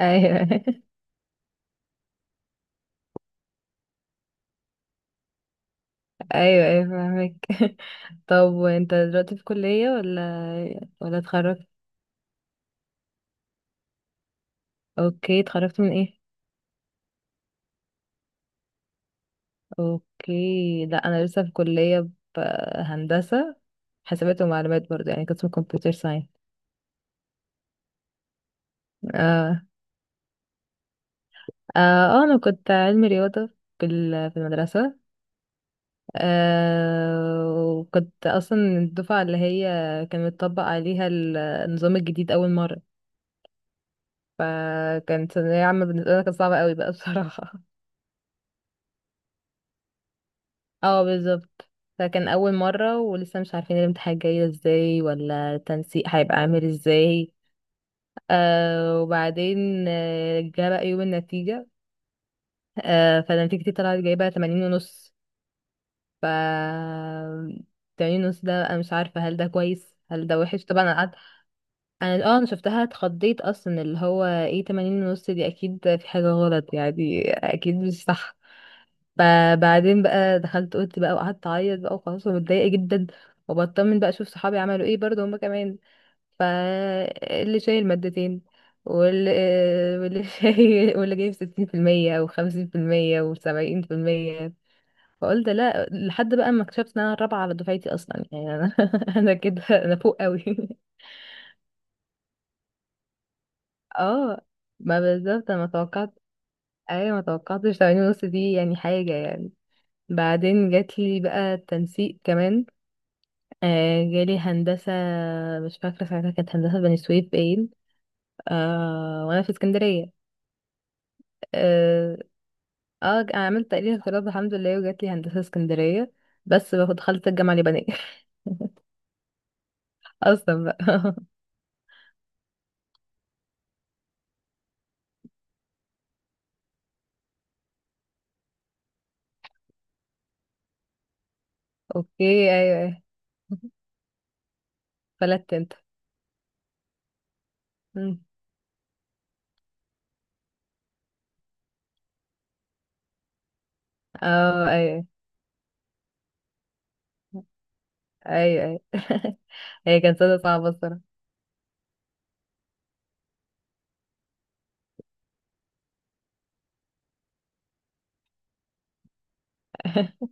ايوه. ايوه، ايوه، فاهمك. طب وانت دلوقتي في كلية ولا اتخرجت؟ اوكي، اتخرجت من ايه؟ اوكي، لا انا لسه في كلية هندسة. حسابات ومعلومات برضه، يعني قسم كمبيوتر ساينس. اه. انا كنت علمي رياضة في المدرسة. آه وكنت اصلا الدفعة اللي هي كان متطبق عليها النظام الجديد اول مرة. فكانت ثانوية عامة بالنسبة لي، كانت صعبة قوي بقى بصراحة. اه بالظبط. فكان اول مرة ولسه مش عارفين الامتحان جاي ازاي ولا التنسيق هيبقى عامل ازاي. آه وبعدين جه بقى يوم النتيجة. آه فنتيجتي طلعت جايبة تمانين ونص. ف تمانين ونص ده انا مش عارفة هل ده كويس هل ده وحش. طبعا انا قعدت، انا شفتها اتخضيت اصلا، اللي هو ايه تمانين ونص دي اكيد في حاجة غلط، يعني اكيد مش صح. بعدين بقى دخلت اوضتي بقى وقعدت اعيط بقى وخلاص، ومتضايقه جدا. وبطمن بقى اشوف صحابي عملوا ايه برضه هما كمان. فاللي شايل مادتين، واللي واللي شايل واللي جايب ستين في المية وخمسين في المية وسبعين في المية. فقلت لا، لحد بقى ما اكتشفت ان انا الرابعة على دفعتي اصلا، يعني انا انا كده انا فوق قوي. اه، ما بالظبط انا ما توقعت. ايوه، ما توقعتش 80 ونص دي يعني حاجة يعني. بعدين جات لي بقى التنسيق كمان. آه جالي هندسة. مش فاكرة ساعتها، كانت هندسة بني سويف باين. آه وأنا في اسكندرية. اه، آه عملت تقليل اغتراب الحمد لله، وجات لي هندسة اسكندرية. بس بقى دخلت الجامعة اليابانية. أصلا بقى. أوكي، أيوه أيوه. فلت أنت. مم. اه أيوه، أيوه أيوه. هي كانت سنة صعبة الصراحة.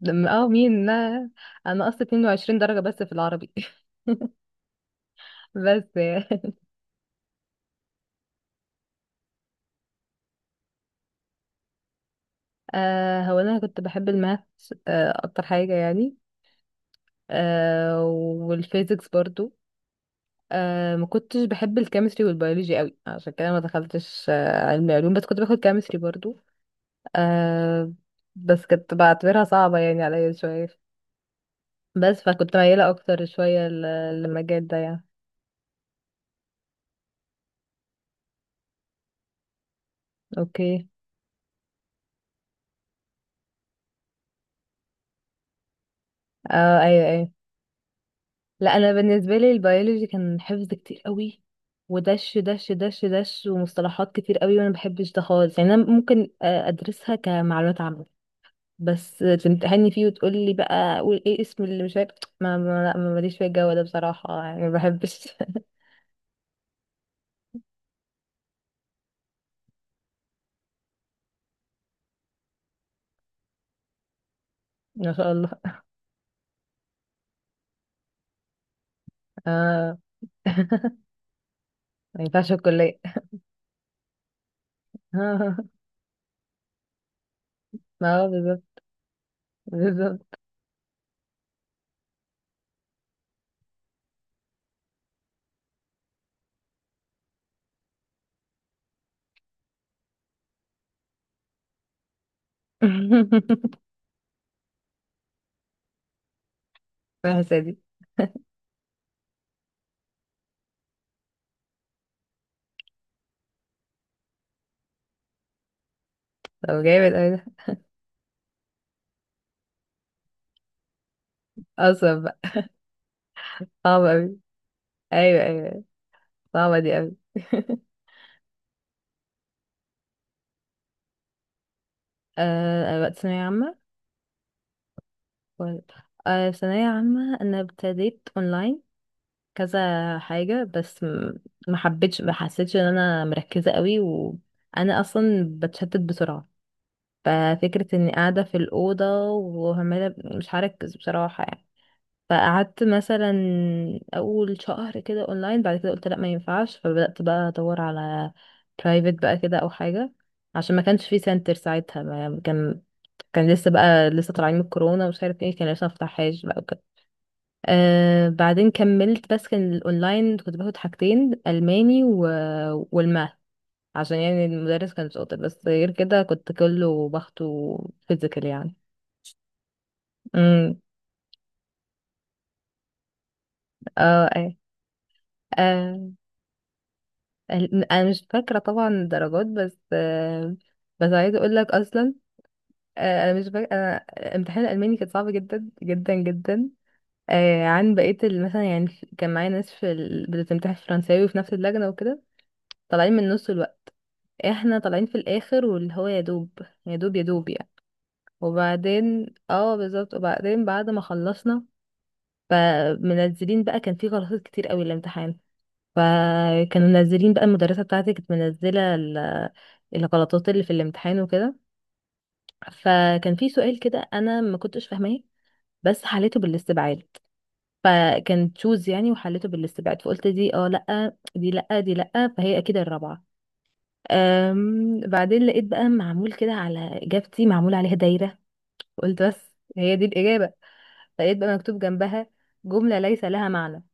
مين؟ لا، أنا أصلا 22 درجة بس في العربي. بس يعني. آه هو أنا كنت بحب الماث، آه أكتر حاجة يعني. آه والفيزيكس برضو. آه ما كنتش بحب الكيمستري والبيولوجي قوي، عشان كده ما دخلتش آه علمي علوم، بس كنت باخد كيمستري برضو. آه بس كنت بعتبرها صعبة يعني عليا شوية. فكنت ميالة اكتر شوية للمجال ده يعني. اوكي. اه ايوه ايوه. لا انا بالنسبة لي البيولوجي كان حفظ كتير قوي، ودش دش دش دش ومصطلحات كتير قوي، وانا ما بحبش ده خالص. يعني انا ممكن ادرسها كمعلومات عامة، بس تمتحني فيه وتقولي بقى قول ايه اسم اللي مش عارف، ما ما لا، ما ماليش في الجو ده بصراحة، يعني ما بحبش. ما شاء الله. اه. ما ينفعش الكلية. آه. ما هو بالظبط، بالظبط. وحشة دي. طب جامد اوي ده. اصلا بقى. صعب اوي. ايوه ايوه أيوة. صعبة دي اوي. آه وقت ثانوية عامة. ولا- آه ثانوية عامة انا ابتديت اونلاين كذا حاجة، ما حبيتش، ما حسيتش ان انا مركزة قوي، وانا اصلا بتشتت بسرعة. ففكرة اني قاعدة في الأوضة وعمالة مش هركز بصراحة يعني. فقعدت مثلا أول شهر كده أونلاين، بعد كده قلت لأ ما ينفعش، فبدأت بقى أدور على برايفت بقى كده أو حاجة. عشان ما كانش في سنتر ساعتها، ما كان، كان لسه بقى لسه طالعين من الكورونا ومش عارف ايه، كان لسه مفتحهاش بقى وكده. آه بعدين كملت، بس كان الاونلاين كنت باخد حاجتين، الماني والماث، عشان يعني المدرس كان شاطر، بس غير كده كنت كله باخده فيزيكال يعني. امم. اه ايه. آه انا مش فاكره طبعا الدرجات، بس آه بس عايزه اقول لك اصلا، آه انا مش فاكره، امتحان الالماني كان صعب جدا جدا جدا. آه عن بقيه مثلا يعني كان معايا ناس بتمتحن فرنساوي في نفس اللجنه وكده. طالعين من نص، احنا طالعين في الاخر واللي هو يا دوب، يا دوب يعني. وبعدين اه بالظبط، وبعدين بعد ما خلصنا، فمنزلين بقى، كان في غلطات كتير قوي الامتحان، فكانوا منزلين بقى، المدرسة بتاعتي كانت منزلة الغلطات اللي في الامتحان وكده. فكان في سؤال كده انا ما كنتش فاهماه، بس حليته بالاستبعاد، فكان تشوز يعني، وحليته بالاستبعاد، فقلت دي اه لا، دي لا، دي لا، فهي اكيد الرابعة. أم بعدين لقيت بقى معمول كده على إجابتي، معمول عليها دايرة، قلت بس، هي دي الإجابة. لقيت بقى مكتوب جنبها جملة ليس لها معنى.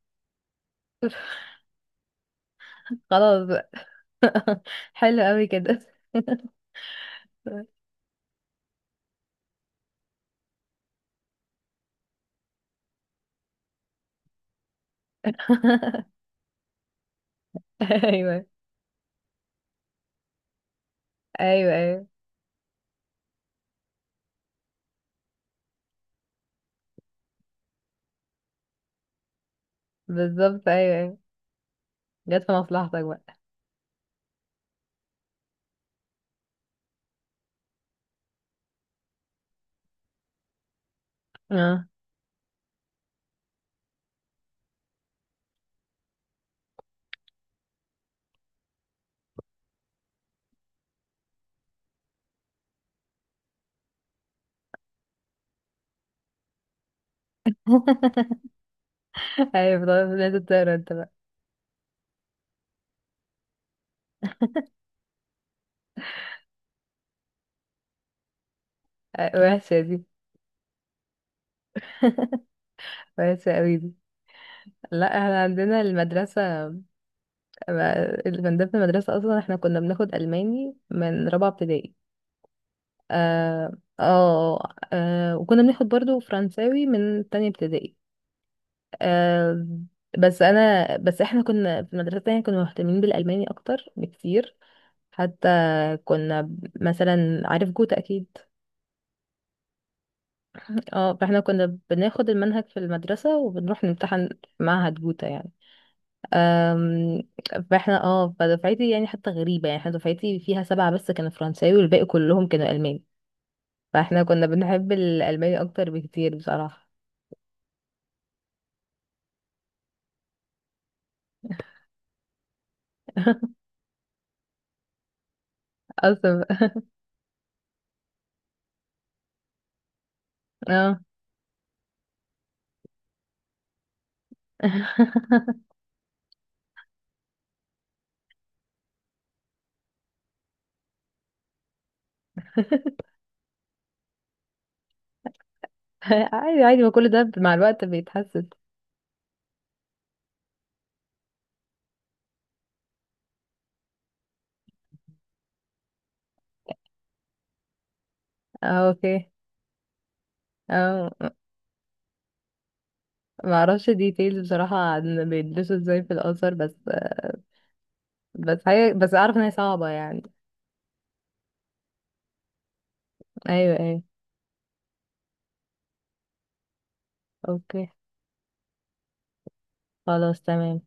خلاص بقى. حلو قوي كده. ايوه ايوه ايوه بالظبط، ايوه ايوه. جت في مصلحتك بقى. اه. ايوه، طيب لازم تقرا انت بقى. أيوة، وحشه دي، وحشه قوي دي. لا احنا عندنا المدرسه، من ضمن المدرسه اصلا احنا كنا بناخد الماني من رابعه ابتدائي. اه. وكنا بناخد برضو فرنساوي من تانية ابتدائي. آه بس احنا كنا في المدرسة التانية كنا مهتمين بالألماني اكتر بكتير، حتى كنا مثلا عارف جوتا اكيد. اه فاحنا كنا بناخد المنهج في المدرسة وبنروح نمتحن في معهد جوتا يعني. أم، فاحنا اه فدفعتي يعني حتى غريبة، يعني احنا دفعتي فيها سبعة بس كانوا فرنساوي والباقي كلهم كانوا ألمان، فاحنا كنا بنحب الألماني اكتر بكتير بصراحة. اصلا. اه. عادي عادي، ما كل ده مع الوقت بيتحسن. اه اوكي. اه ما اعرفش ديتيلز بصراحة عن بيلبسوا ازاي في الأزهر، بس اعرف ان هي صعبة يعني. ايوه ايوه. اوكي، خلاص تمام.